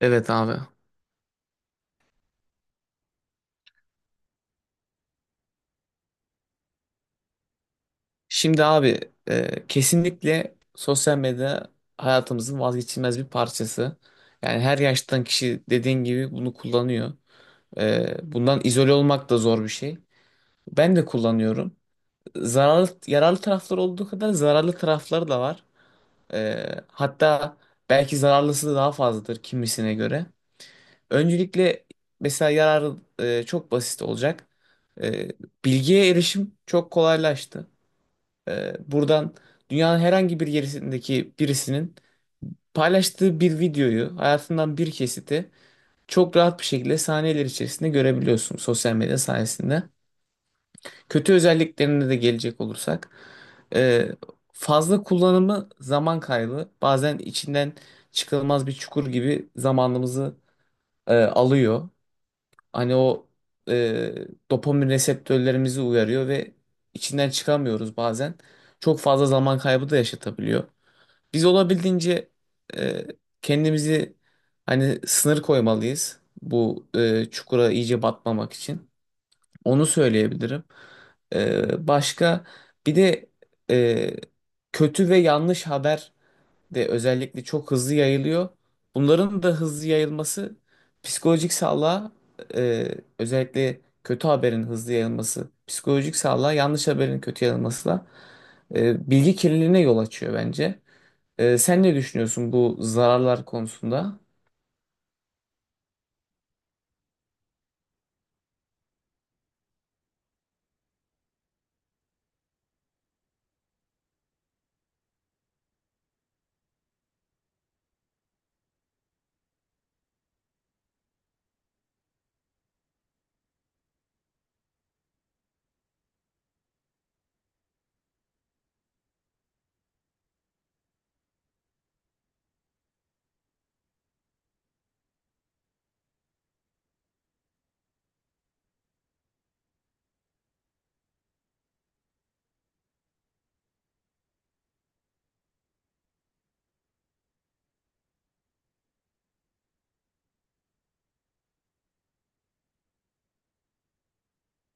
Evet abi. Şimdi abi kesinlikle sosyal medya hayatımızın vazgeçilmez bir parçası. Yani her yaştan kişi dediğin gibi bunu kullanıyor. Bundan izole olmak da zor bir şey. Ben de kullanıyorum. Zararlı, yararlı tarafları olduğu kadar zararlı tarafları da var. Hatta belki zararlısı da daha fazladır kimisine göre. Öncelikle mesela yararı çok basit olacak. E, Bilgiye erişim çok kolaylaştı. Buradan dünyanın herhangi bir yerindeki birisinin paylaştığı bir videoyu, hayatından bir kesiti çok rahat bir şekilde saniyeler içerisinde görebiliyorsun sosyal medya sayesinde. Kötü özelliklerine de gelecek olursak, ee, fazla kullanımı zaman kaybı, bazen içinden çıkılmaz bir çukur gibi zamanımızı alıyor. Hani o e, dopamin reseptörlerimizi uyarıyor ve içinden çıkamıyoruz bazen. Çok fazla zaman kaybı da yaşatabiliyor. Biz olabildiğince e, kendimizi hani sınır koymalıyız bu çukura iyice batmamak için. Onu söyleyebilirim. Başka bir de e, kötü ve yanlış haber de özellikle çok hızlı yayılıyor. Bunların da hızlı yayılması psikolojik sağlığa e, özellikle kötü haberin hızlı yayılması psikolojik sağlığa yanlış haberin kötü yayılmasıyla bilgi kirliliğine yol açıyor bence. Sen ne düşünüyorsun bu zararlar konusunda?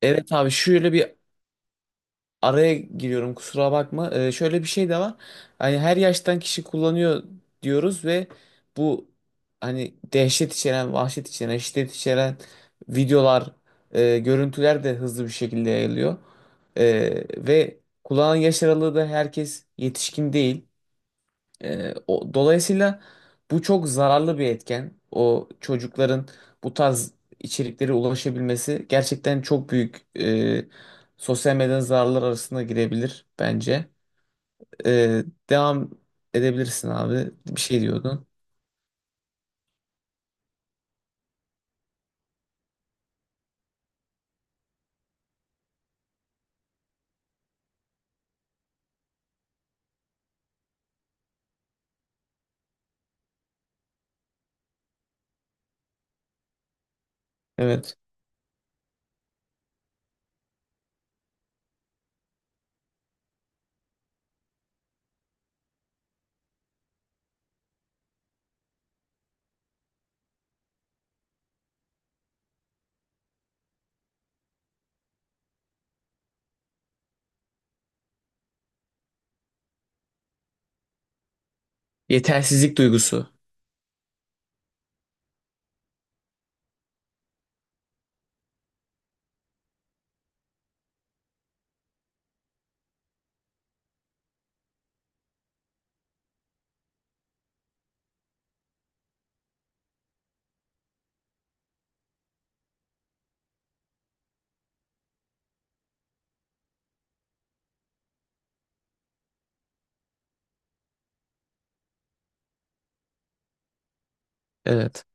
Evet abi, şöyle bir araya giriyorum, kusura bakma. Şöyle bir şey de var. Hani her yaştan kişi kullanıyor diyoruz ve bu hani dehşet içeren, vahşet içeren, şiddet içeren videolar, görüntüler de hızlı bir şekilde yayılıyor. Ve kullanan yaş aralığı da herkes yetişkin değil. Dolayısıyla bu çok zararlı bir etken. O çocukların bu tarz içeriklere ulaşabilmesi gerçekten çok büyük sosyal medyanın zararlar arasında girebilir bence. Ee, Devam edebilirsin abi. Bir şey diyordun. Evet. Yetersizlik duygusu. Evet.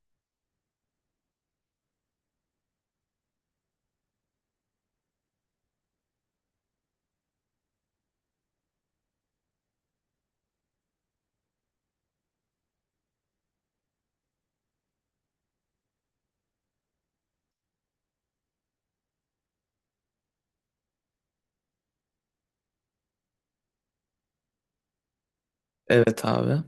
Evet abi.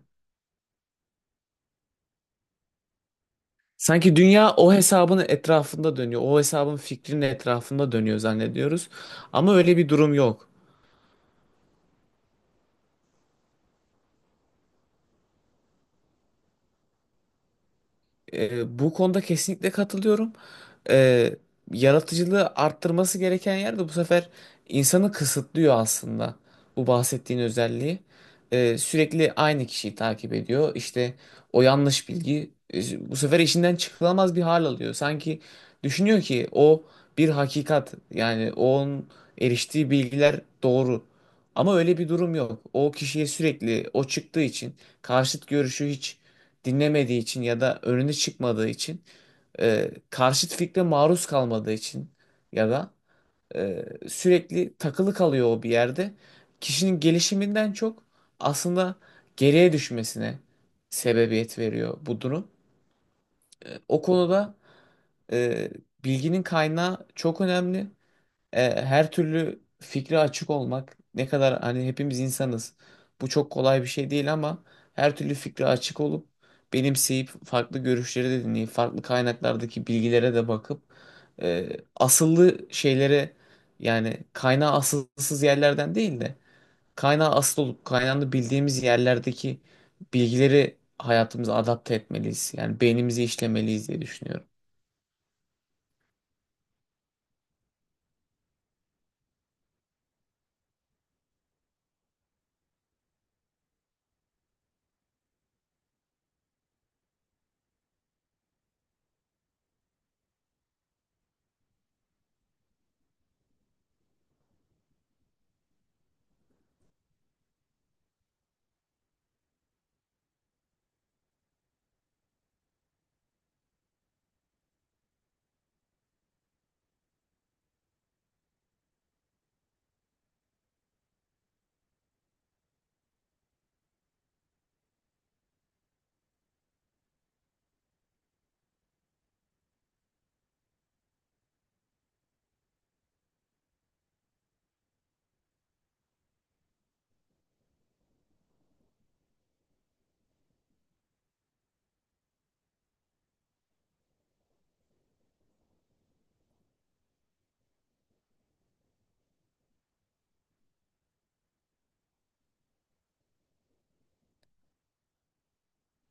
Sanki dünya o hesabın etrafında dönüyor. O hesabın fikrinin etrafında dönüyor zannediyoruz. Ama öyle bir durum yok. Bu konuda kesinlikle katılıyorum. E, Yaratıcılığı arttırması gereken yerde bu sefer insanı kısıtlıyor aslında. Bu bahsettiğin özelliği. Sürekli aynı kişiyi takip ediyor. İşte o yanlış bilgi bu sefer işinden çıkılamaz bir hal alıyor. Sanki düşünüyor ki o bir hakikat. Yani onun eriştiği bilgiler doğru. Ama öyle bir durum yok. O kişiye sürekli o çıktığı için karşıt görüşü hiç dinlemediği için ya da önüne çıkmadığı için karşıt fikre maruz kalmadığı için ya da sürekli takılı kalıyor o bir yerde. Kişinin gelişiminden çok aslında geriye düşmesine sebebiyet veriyor bu durum. O konuda e, bilginin kaynağı çok önemli. Her türlü fikre açık olmak ne kadar hani hepimiz insanız. Bu çok kolay bir şey değil ama her türlü fikre açık olup benimseyip farklı görüşleri de dinleyip farklı kaynaklardaki bilgilere de bakıp e, asıllı şeylere yani kaynağı asılsız yerlerden değil de kaynağı asıl olup kaynağını bildiğimiz yerlerdeki bilgileri hayatımıza adapte etmeliyiz. Yani beynimizi işlemeliyiz diye düşünüyorum.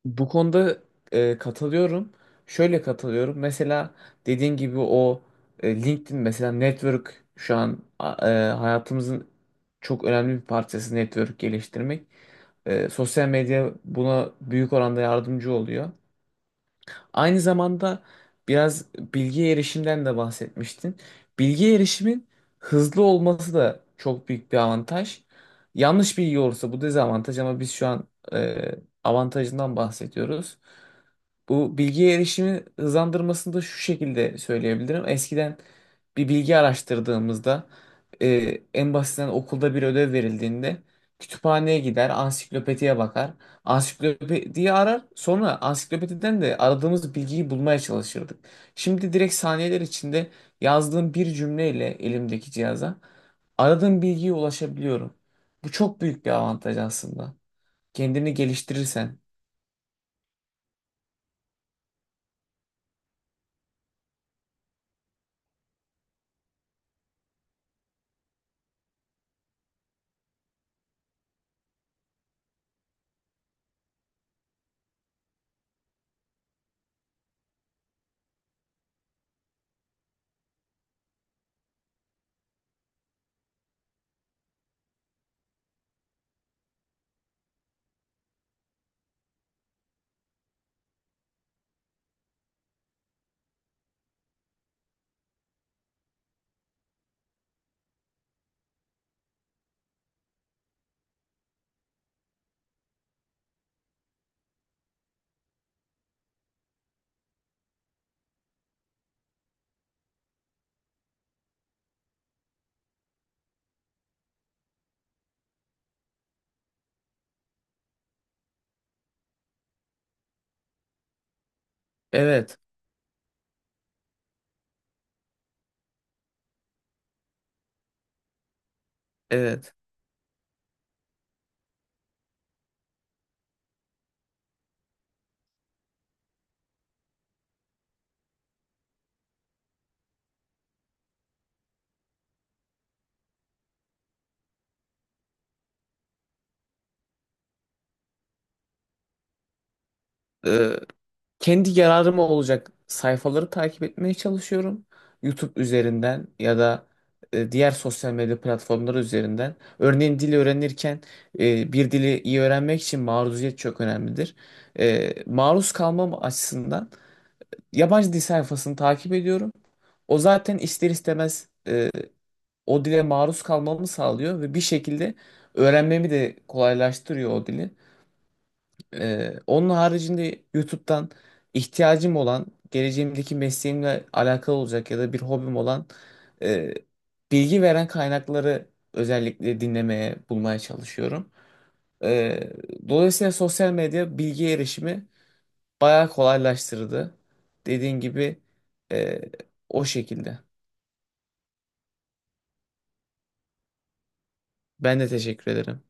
Bu konuda katılıyorum. Şöyle katılıyorum. Mesela dediğin gibi o LinkedIn mesela network şu an hayatımızın çok önemli bir parçası network geliştirmek. Sosyal medya buna büyük oranda yardımcı oluyor. Aynı zamanda biraz bilgi erişimden de bahsetmiştin. Bilgi erişimin hızlı olması da çok büyük bir avantaj. Yanlış bilgi olursa bu dezavantaj ama biz şu an e, avantajından bahsediyoruz. Bu bilgiye erişimi hızlandırmasını da şu şekilde söyleyebilirim. Eskiden bir bilgi araştırdığımızda e, en basitinden okulda bir ödev verildiğinde kütüphaneye gider, ansiklopediye bakar. Ansiklopediyi arar, sonra ansiklopediden de aradığımız bilgiyi bulmaya çalışırdık. Şimdi direkt saniyeler içinde yazdığım bir cümleyle elimdeki cihaza aradığım bilgiye ulaşabiliyorum. Bu çok büyük bir avantaj aslında. Kendini geliştirirsen. Evet, evet, kendi yararıma olacak sayfaları takip etmeye çalışıyorum. YouTube üzerinden ya da diğer sosyal medya platformları üzerinden. Örneğin dil öğrenirken bir dili iyi öğrenmek için maruziyet çok önemlidir. Maruz kalmam açısından yabancı dil sayfasını takip ediyorum. O zaten ister istemez o dile maruz kalmamı sağlıyor ve bir şekilde öğrenmemi de kolaylaştırıyor o dili. Onun haricinde YouTube'dan ihtiyacım olan, geleceğimdeki mesleğimle alakalı olacak ya da bir hobim olan e, bilgi veren kaynakları özellikle dinlemeye, bulmaya çalışıyorum. Ee, Dolayısıyla sosyal medya bilgi erişimi bayağı kolaylaştırdı. Dediğin gibi e, o şekilde. Ben de teşekkür ederim.